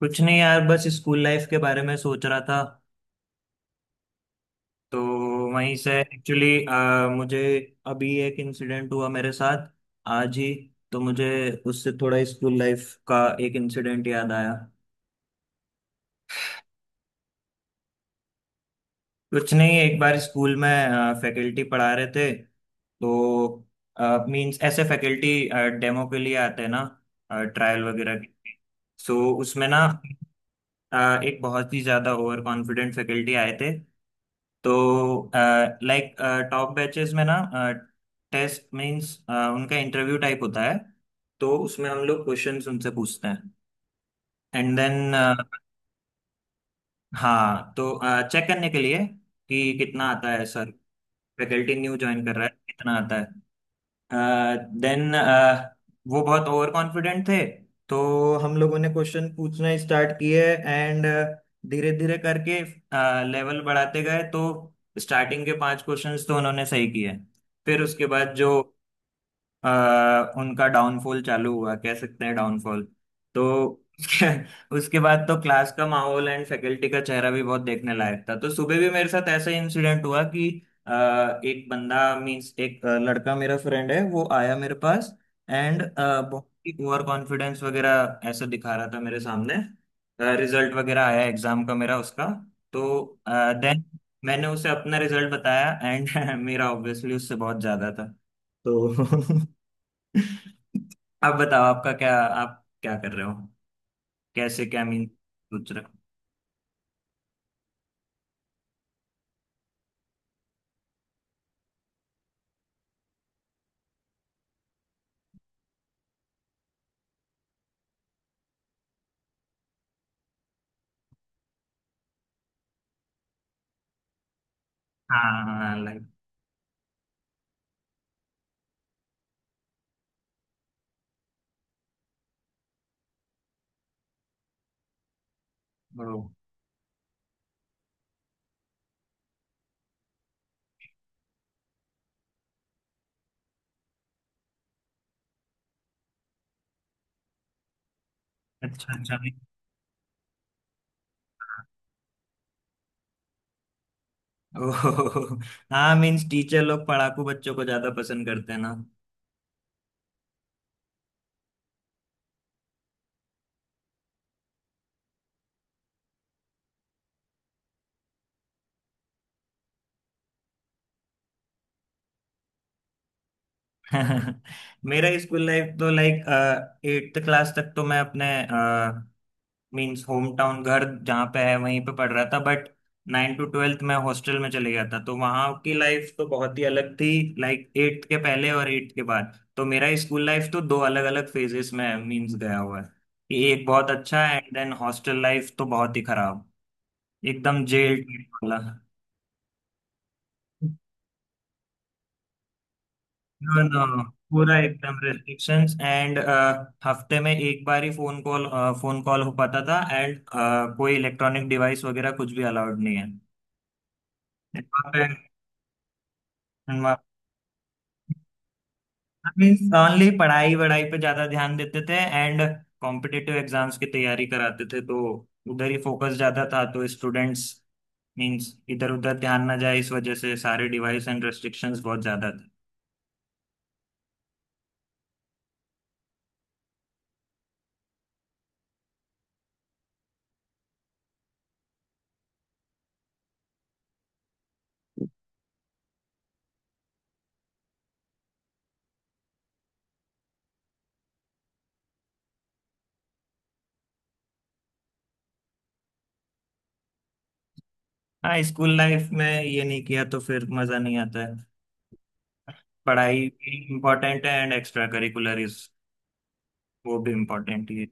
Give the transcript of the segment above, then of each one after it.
कुछ नहीं यार, बस स्कूल लाइफ के बारे में सोच रहा था। तो वहीं से एक्चुअली मुझे अभी एक इंसिडेंट हुआ मेरे साथ आज ही। तो मुझे उससे थोड़ा स्कूल लाइफ का एक इंसिडेंट याद आया। कुछ नहीं, एक बार स्कूल में फैकल्टी पढ़ा रहे थे। तो मींस ऐसे फैकल्टी डेमो के लिए आते हैं ना, ट्रायल वगैरह के लिए। सो उसमें ना, एक बहुत ही ज्यादा ओवर कॉन्फिडेंट फैकल्टी आए थे। तो लाइक टॉप बैचेस में ना टेस्ट मींस उनका इंटरव्यू टाइप होता है। तो उसमें हम लोग क्वेश्चंस उनसे पूछते हैं एंड देन। हाँ तो चेक करने के लिए कि कितना आता है सर, फैकल्टी न्यू ज्वाइन कर रहा है, कितना आता है। देन वो बहुत ओवर कॉन्फिडेंट थे। तो हम लोगों ने क्वेश्चन पूछना स्टार्ट किए एंड धीरे धीरे करके लेवल बढ़ाते गए। तो स्टार्टिंग के पांच क्वेश्चंस तो उन्होंने सही किए। फिर उसके बाद जो उनका डाउनफॉल चालू हुआ, कह सकते हैं डाउनफॉल। तो उसके उसके बाद तो क्लास का माहौल एंड फैकल्टी का चेहरा भी बहुत देखने लायक था। तो सुबह भी मेरे साथ ऐसा ही इंसिडेंट हुआ कि अ, एक बंदा मीन्स एक लड़का मेरा फ्रेंड है, वो आया मेरे पास एंड बहुत ही ओवर कॉन्फिडेंस वगैरह ऐसा दिखा रहा था मेरे सामने। रिजल्ट वगैरह आया एग्जाम का, मेरा उसका। तो देन मैंने उसे अपना रिजल्ट बताया एंड मेरा ऑब्वियसली उससे बहुत ज्यादा था। तो अब बताओ आपका क्या, आप क्या कर रहे हो, कैसे क्या मीन सोच रहे हो। हाँ, लाइक, ओ, अच्छा अच्छा। ओह, हाँ मीन्स टीचर लोग पढ़ाकू बच्चों को ज्यादा पसंद करते हैं ना। मेरा स्कूल लाइफ तो लाइक एट्थ क्लास तक तो मैं अपने मीन्स होम टाउन घर जहाँ पे है वहीं पे पढ़ रहा था। बट नाइन टू ट्वेल्थ मैं हॉस्टल में चले गया था। तो वहाँ की लाइफ तो बहुत ही अलग थी। लाइक एट्थ के पहले और एट्थ के बाद तो मेरा स्कूल लाइफ तो दो अलग अलग फेजेस में मीन्स गया हुआ है कि एक बहुत अच्छा है एंड देन हॉस्टल लाइफ तो बहुत ही खराब, एकदम जेल वाला। नो नो, पूरा एकदम रेस्ट्रिक्शंस एंड हफ्ते में एक बार ही फोन कॉल हो पाता था। एंड कोई इलेक्ट्रॉनिक डिवाइस वगैरह कुछ भी अलाउड नहीं है। मीन्स ओनली पढ़ाई वढ़ाई पे ज्यादा ध्यान देते थे एंड कॉम्पिटिटिव एग्जाम्स की तैयारी कराते थे। तो उधर ही फोकस ज्यादा था। तो स्टूडेंट्स मीन्स इधर उधर ध्यान ना जाए इस वजह से सारे डिवाइस एंड रेस्ट्रिक्शंस बहुत ज्यादा थे। हाँ, स्कूल लाइफ में ये नहीं किया तो फिर मजा नहीं आता है। पढ़ाई भी इम्पोर्टेंट है एंड एक्स्ट्रा करिकुलर इज, वो भी इम्पोर्टेंट ही,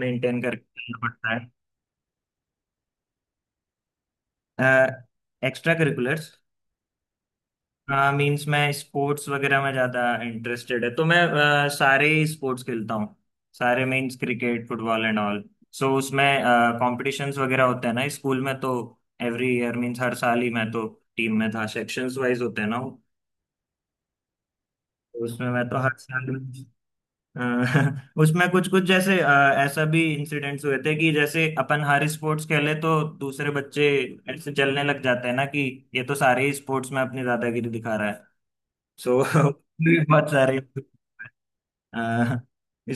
मेंटेन करके चलना पड़ता है। एक्स्ट्रा करिकुलर्स, हाँ मीन्स मैं स्पोर्ट्स वगैरह में ज़्यादा इंटरेस्टेड है। तो मैं सारे ही स्पोर्ट्स खेलता हूँ। सारे means cricket football and all. So उसमें कॉम्पिटिशन्स वगैरह होते हैं ना स्कूल में। तो एवरी ईयर मीन्स हर साल ही मैं तो टीम में था। सेक्शंस वाइज होते हैं ना वो। तो उसमें मैं तो हर साल अ, उसमें कुछ कुछ जैसे, ऐसा भी इंसिडेंट्स हुए थे कि जैसे अपन हर स्पोर्ट्स खेले तो दूसरे बच्चे ऐसे जलने लग जाते हैं ना कि ये तो सारे ही स्पोर्ट्स में अपनी दादागिरी दिखा। सो बहुत सारे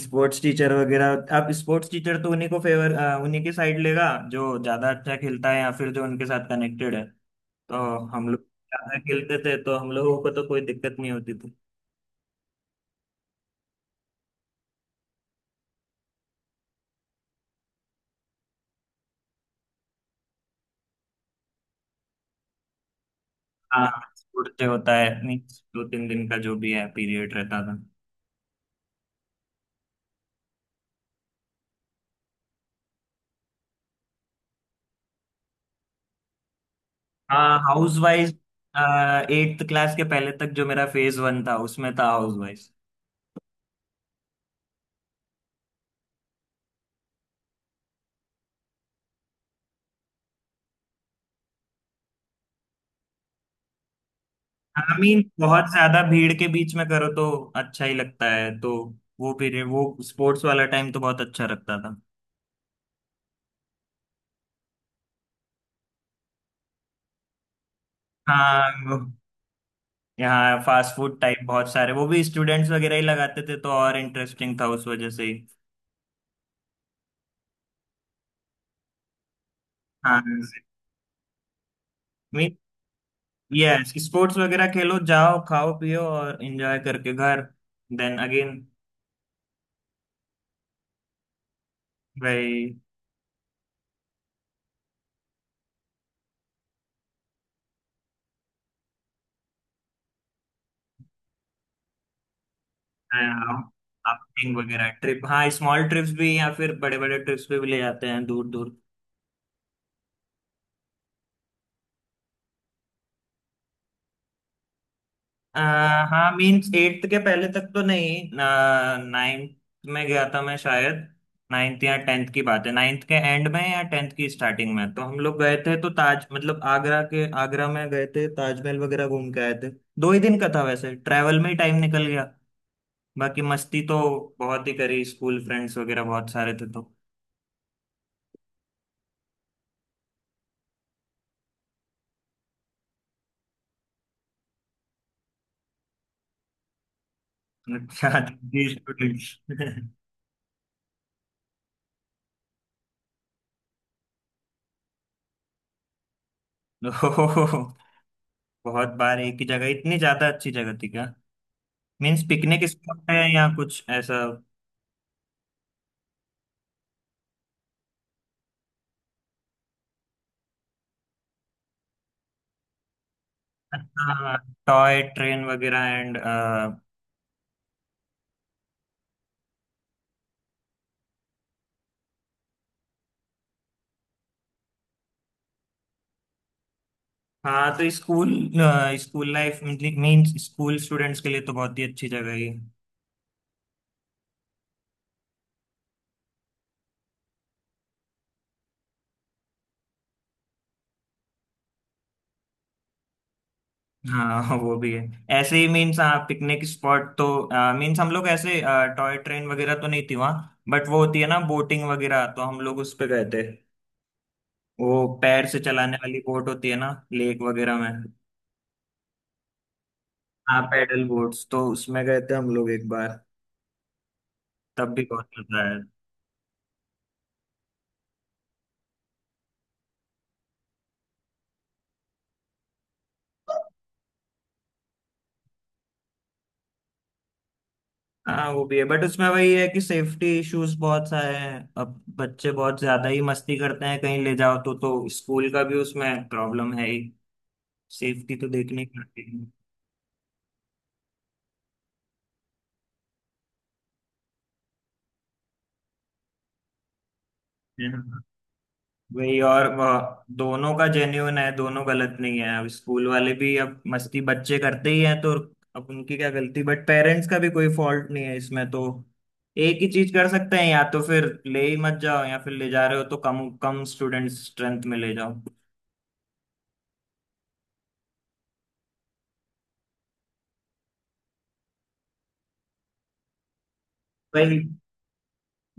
स्पोर्ट्स टीचर वगैरह, अब स्पोर्ट्स टीचर तो उन्हीं को फेवर, उन्हीं की साइड लेगा जो ज्यादा अच्छा खेलता है या फिर जो उनके साथ कनेक्टेड है। तो हम लोग ज्यादा खेलते थे तो हम लोगों को तो कोई दिक्कत नहीं होती थी। हाँ, स्पोर्ट्स डे होता है नहीं, दो तीन दिन का जो भी है पीरियड रहता था। हाँ, हाउस वाइज, एट्थ क्लास के पहले तक जो मेरा फेज वन था उसमें था हाउस वाइज। आई मीन बहुत ज्यादा भीड़ के बीच में करो तो अच्छा ही लगता है। तो वो पीरियड वो स्पोर्ट्स वाला टाइम तो बहुत अच्छा लगता था। हाँ वो, यहाँ फास्ट फूड टाइप बहुत सारे वो भी स्टूडेंट्स वगैरह ही लगाते थे। तो और इंटरेस्टिंग था उस वजह से ही। हाँ मीन, यस स्पोर्ट्स वगैरह खेलो, जाओ खाओ पियो और एंजॉय करके घर, देन अगेन भाई। आउटिंग वगैरह ट्रिप, हाँ स्मॉल ट्रिप्स भी या फिर बड़े बड़े ट्रिप्स पे भी ले जाते हैं दूर दूर। अ, हाँ मीन्स एट्थ के पहले तक तो नहीं, नाइन्थ में गया था मैं शायद। नाइन्थ या टेंथ की बात है, नाइन्थ के एंड में या टेंथ की स्टार्टिंग में तो हम लोग गए थे। तो ताज मतलब आगरा के, आगरा में गए थे, ताजमहल वगैरह घूम के आए थे। दो ही दिन का था, वैसे ट्रैवल में ही टाइम निकल गया, बाकी मस्ती तो बहुत ही करी, स्कूल फ्रेंड्स वगैरह बहुत सारे थे तो अच्छा, स्टूडेंट्स, ओहो, बहुत बार एक ही जगह, इतनी ज्यादा अच्छी जगह थी क्या? मीन्स पिकनिक स्पॉट है या कुछ ऐसा? हाँ, टॉय ट्रेन वगैरह एंड, हाँ तो school school life means school students के लिए तो बहुत ही अच्छी जगह है ये। हाँ वो भी है, ऐसे ही मीन्स, हाँ पिकनिक स्पॉट तो मीन्स हम लोग ऐसे, टॉय ट्रेन वगैरह तो नहीं थी वहाँ, बट वो होती है ना बोटिंग वगैरह, तो हम लोग उस पे गए थे। वो पैर से चलाने वाली बोट होती है ना लेक वगैरह में। हाँ पैडल बोट्स, तो उसमें गए थे हम लोग एक बार, तब भी बहुत मजा आया। हाँ वो भी है, बट उसमें वही है कि सेफ्टी इश्यूज बहुत सारे हैं, अब बच्चे बहुत ज्यादा ही मस्ती करते हैं कहीं ले जाओ तो स्कूल का भी उसमें प्रॉब्लम है ही, सेफ्टी तो देखने की आती है। हाँ। वही और वह दोनों का जेन्यून है, दोनों गलत नहीं है। अब स्कूल वाले भी, अब मस्ती बच्चे करते ही हैं तो अब उनकी क्या गलती, बट पेरेंट्स का भी कोई फॉल्ट नहीं है इसमें। तो एक ही चीज कर सकते हैं, या तो फिर ले ही मत जाओ, या फिर ले जा रहे हो तो कम कम स्टूडेंट स्ट्रेंथ में ले जाओ। वही,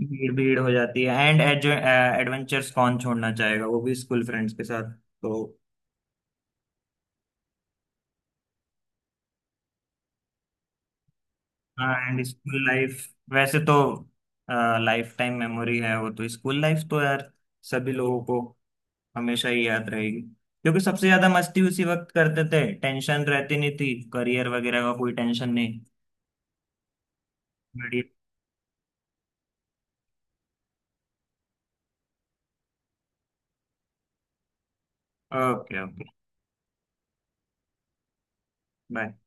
भीड़ भीड़ हो जाती है एंड एडवेंचर्स कौन छोड़ना चाहेगा, वो भी स्कूल फ्रेंड्स के साथ तो। हाँ एंड स्कूल लाइफ वैसे तो लाइफ टाइम मेमोरी है, वो तो स्कूल लाइफ तो यार सभी लोगों को हमेशा ही याद रहेगी, क्योंकि सबसे ज्यादा मस्ती उसी वक्त करते थे, टेंशन रहती नहीं थी, करियर वगैरह का कोई टेंशन नहीं। बढ़िया, ओके ओके बाय।